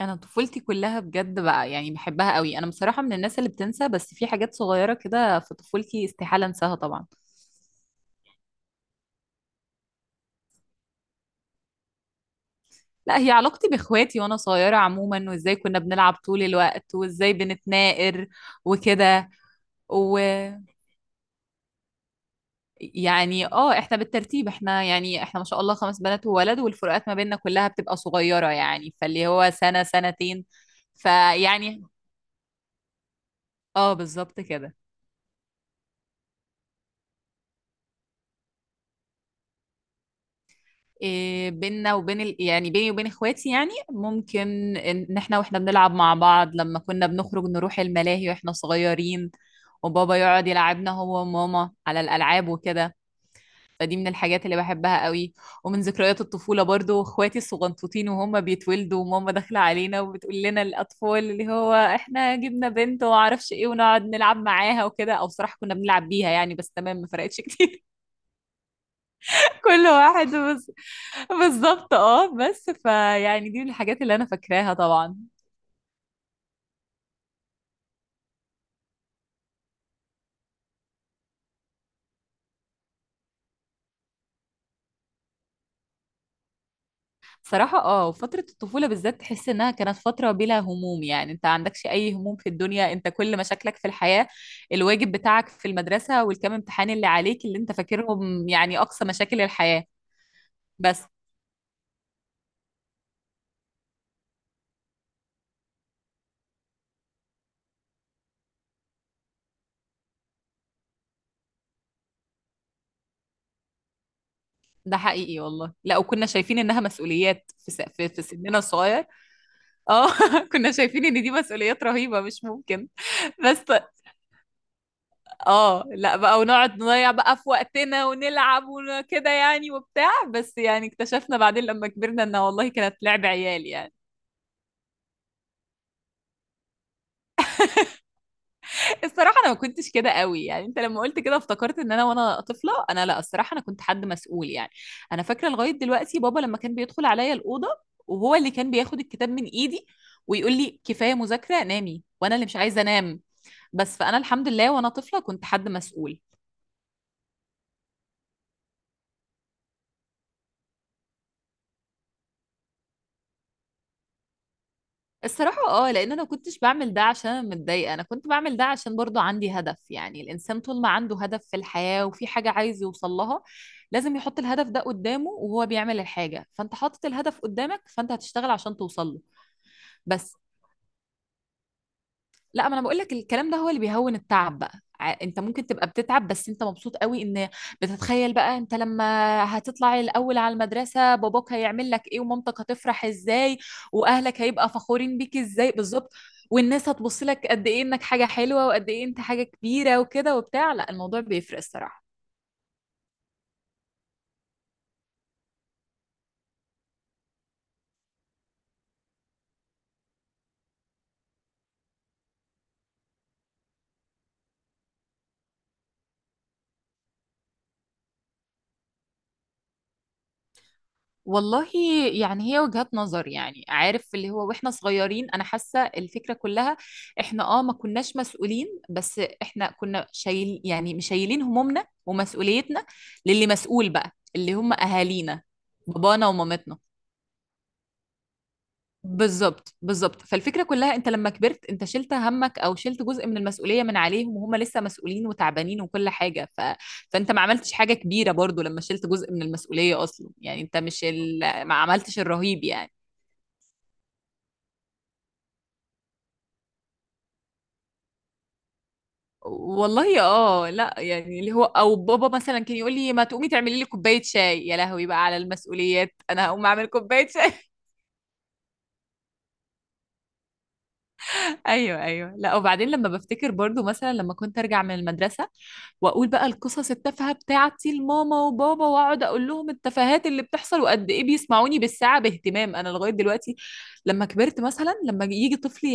انا طفولتي كلها بجد بقى، يعني بحبها قوي. انا بصراحه من الناس اللي بتنسى، بس في حاجات صغيره كده في طفولتي استحاله انساها طبعا. لا، هي علاقتي باخواتي وانا صغيره عموما، وازاي كنا بنلعب طول الوقت وازاي بنتناقر وكده. ويعني اه احنا بالترتيب، احنا ما شاء الله خمس بنات وولد، والفروقات ما بيننا كلها بتبقى صغيره، يعني فاللي هو سنه سنتين. فيعني اه بالظبط كده. إيه، بيننا وبين يعني بيني وبين اخواتي، يعني ممكن ان احنا واحنا بنلعب مع بعض لما كنا بنخرج نروح الملاهي واحنا صغيرين، وبابا يقعد يلعبنا هو وماما على الالعاب وكده، فدي من الحاجات اللي بحبها قوي. ومن ذكريات الطفولة برضو اخواتي الصغنطوطين وهم بيتولدوا، وماما داخلة علينا وبتقول لنا الاطفال، اللي هو احنا جبنا بنت وما اعرفش ايه، ونقعد نلعب معاها وكده، او صراحة كنا بنلعب بيها يعني، بس تمام ما فرقتش كتير. كل واحد بس. بالظبط بس دي من الحاجات اللي انا فاكراها طبعا. صراحة فترة الطفولة بالذات تحس انها كانت فترة بلا هموم، يعني انت عندكش اي هموم في الدنيا، انت كل مشاكلك في الحياة الواجب بتاعك في المدرسة والكام امتحان اللي عليك اللي انت فاكرهم، يعني اقصى مشاكل الحياة بس. ده حقيقي والله، لا وكنا شايفين انها مسؤوليات في س... في في سننا الصغير. اه كنا شايفين ان دي مسؤوليات رهيبة مش ممكن بس. اه لا بقى، ونقعد نضيع بقى في وقتنا ونلعب وكده يعني وبتاع، بس يعني اكتشفنا بعدين لما كبرنا ان والله كانت لعب عيال يعني. الصراحة انا ما كنتش كده قوي، يعني انت لما قلت كده افتكرت ان انا وانا طفلة، انا لا، الصراحة انا كنت حد مسؤول يعني. انا فاكرة لغاية دلوقتي بابا لما كان بيدخل عليا الأوضة، وهو اللي كان بياخد الكتاب من ايدي ويقول لي كفاية مذاكرة نامي، وانا اللي مش عايزة انام بس. فانا الحمد لله وانا طفلة كنت حد مسؤول. الصراحة لان انا كنتش بعمل ده عشان انا متضايقة، انا كنت بعمل ده عشان برضو عندي هدف، يعني الانسان طول ما عنده هدف في الحياة وفي حاجة عايز يوصل لها، لازم يحط الهدف ده قدامه وهو بيعمل الحاجة، فانت حاطط الهدف قدامك فانت هتشتغل عشان توصل له بس. لا، ما انا بقول لك الكلام ده هو اللي بيهون التعب بقى، انت ممكن تبقى بتتعب بس انت مبسوط قوي ان بتتخيل بقى انت لما هتطلع الاول على المدرسه، باباك هيعمل لك ايه ومامتك هتفرح ازاي، واهلك هيبقى فخورين بيك ازاي، بالظبط، والناس هتبص لك قد ايه انك حاجه حلوه وقد ايه انت حاجه كبيره وكده وبتاع، لا الموضوع بيفرق الصراحه. والله، يعني هي وجهات نظر، يعني عارف اللي هو واحنا صغيرين انا حاسه الفكره كلها، احنا ما كناش مسؤولين بس احنا كنا شايل، يعني مشايلين همومنا ومسؤوليتنا للي مسؤول بقى اللي هم اهالينا، بابانا ومامتنا. بالظبط بالظبط، فالفكره كلها انت لما كبرت انت شلت همك او شلت جزء من المسؤوليه من عليهم، وهم لسه مسؤولين وتعبانين وكل حاجه فانت ما عملتش حاجه كبيره برضو لما شلت جزء من المسؤوليه اصلا، يعني انت مش ما عملتش الرهيب يعني. والله لا، يعني اللي هو او بابا مثلا كان يقول لي ما تقومي تعملي لي كوبايه شاي، يا لهوي بقى على المسؤوليات، انا هقوم اعمل كوبايه شاي. ايوه ايوه، لا وبعدين لما بفتكر برضو مثلا لما كنت ارجع من المدرسه واقول بقى القصص التافهه بتاعتي لماما وبابا، واقعد اقول لهم التفاهات اللي بتحصل، وقد ايه بيسمعوني بالساعه باهتمام، انا لغايه دلوقتي لما كبرت مثلا لما يجي طفل ي...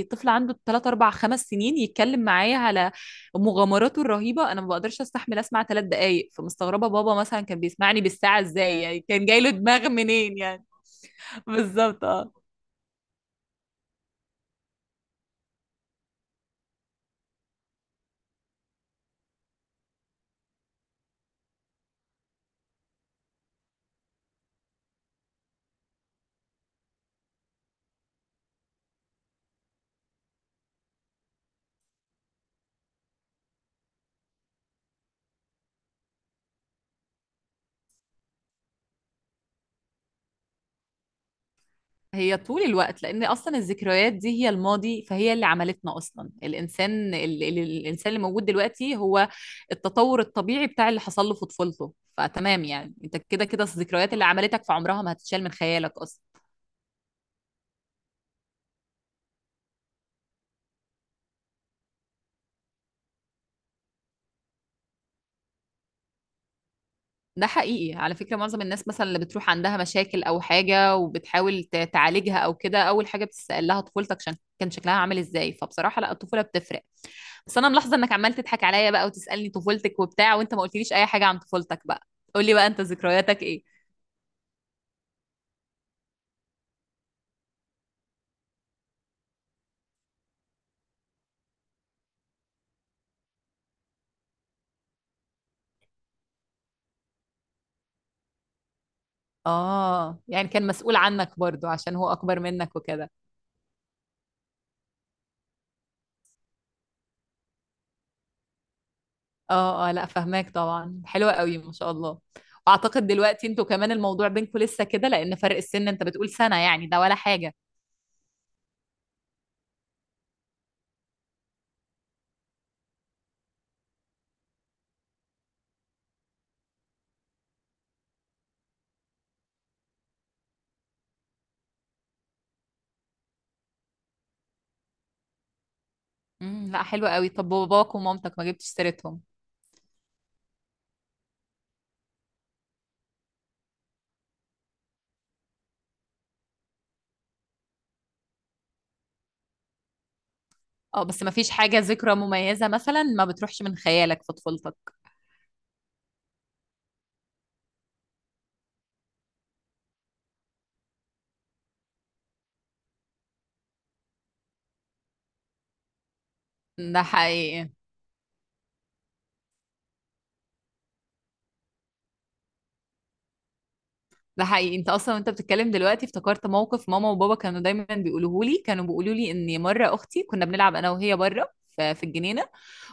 ي- طفل عنده 3 4 5 سنين يتكلم معايا على مغامراته الرهيبه، انا ما بقدرش استحمل اسمع 3 دقائق، فمستغربه بابا مثلا كان بيسمعني بالساعه ازاي، يعني كان جاي له دماغ منين يعني. بالظبط اه. هي طول الوقت، لان اصلا الذكريات دي هي الماضي، فهي اللي عملتنا اصلا، الانسان الانسان اللي موجود دلوقتي هو التطور الطبيعي بتاع اللي حصل له في طفولته، فتمام يعني انت كده كده الذكريات اللي عملتك في عمرها ما هتتشال من خيالك اصلا. ده حقيقي، على فكرة معظم الناس مثلا اللي بتروح عندها مشاكل او حاجة وبتحاول تعالجها او كده، اول حاجة بتسأل لها طفولتك عشان كان شكلها عامل ازاي، فبصراحة لا الطفولة بتفرق بس. انا ملاحظه انك عمال تضحك عليا بقى وتسالني طفولتك وبتاع، وانت ما قلتليش اي حاجه عن طفولتك بقى، قولي بقى انت ذكرياتك ايه؟ اه، يعني كان مسؤول عنك برضو عشان هو اكبر منك وكده. اه اه، لا فهماك طبعا، حلوه قوي ما شاء الله. واعتقد دلوقتي انتوا كمان الموضوع بينكم لسه كده، لان فرق السن انت بتقول سنه، يعني ده ولا حاجه. لا، حلوه قوي. طب باباك ومامتك ما جبتش سيرتهم؟ اه، بس ما فيش حاجه ذكرى مميزه مثلا ما بتروحش من خيالك في طفولتك؟ ده حقيقي. ده حقيقي، انت اصلا وانت بتتكلم دلوقتي افتكرت موقف ماما وبابا كانوا دايما بيقولوه لي، كانوا بيقولوا لي ان مره اختي كنا بنلعب انا وهي بره في الجنينه،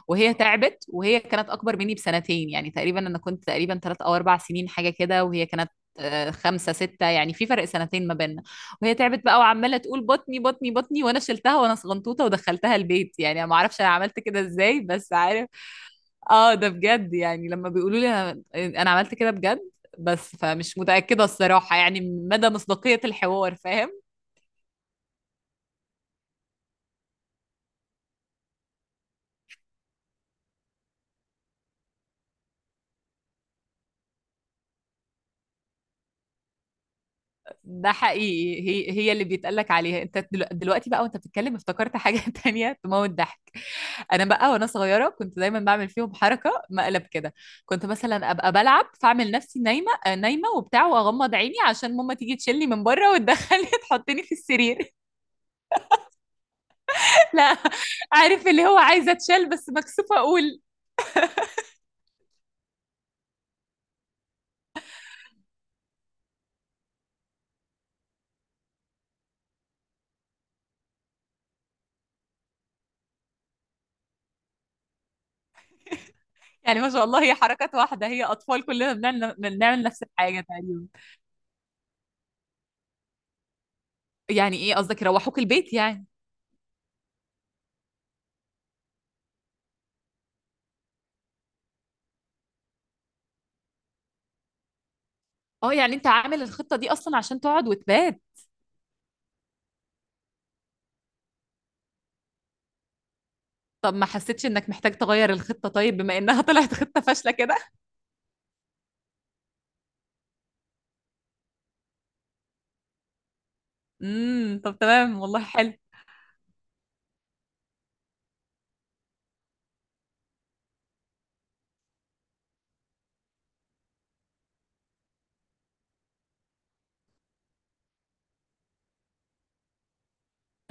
وهي تعبت، وهي كانت اكبر مني بسنتين يعني، تقريبا انا كنت تقريبا 3 او 4 سنين حاجه كده، وهي كانت 5 6، يعني في فرق سنتين ما بيننا. وهي تعبت بقى وعمالة تقول بطني بطني بطني، وأنا شلتها وأنا صغنطوطة ودخلتها البيت، يعني أنا ما أعرفش أنا عملت كده إزاي، بس عارف. اه ده بجد، يعني لما بيقولوا لي انا عملت كده بجد، بس فمش متأكدة الصراحة يعني من مدى مصداقية الحوار، فاهم. ده حقيقي، هي هي اللي بيتقال لك عليها، انت دلوقتي بقى وانت بتتكلم افتكرت حاجة تانية تموت ضحك. انا بقى وانا صغيرة كنت دايما بعمل فيهم حركة مقلب كده، كنت مثلا ابقى بلعب فاعمل نفسي نايمة نايمة وبتاع، واغمض عيني عشان ماما تيجي تشيلني من بره وتدخلني تحطني في السرير. لا، عارف اللي هو عايزة اتشال بس مكسوفة اقول. يعني ما شاء الله، هي حركات واحدة، هي أطفال كلنا بنعمل بنعمل نفس الحاجة تقريبا. يعني إيه قصدك يروحوك البيت يعني؟ أه يعني أنت عامل الخطة دي أصلا عشان تقعد وتبات. طب ما حسيتش إنك محتاج تغير الخطة؟ طيب بما إنها طلعت خطة فاشلة كده. طب تمام والله، حلو.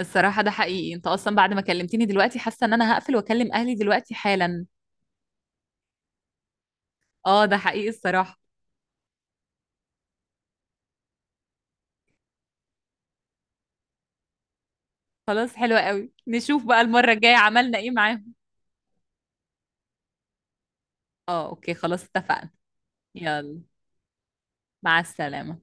الصراحة ده حقيقي، أنت أصلا بعد ما كلمتني دلوقتي حاسة إن أنا هقفل وأكلم أهلي دلوقتي حالا. أه ده حقيقي الصراحة. خلاص حلو قوي، نشوف بقى المرة الجاية عملنا إيه معاهم. أه أوكي خلاص اتفقنا. يلا، مع السلامة.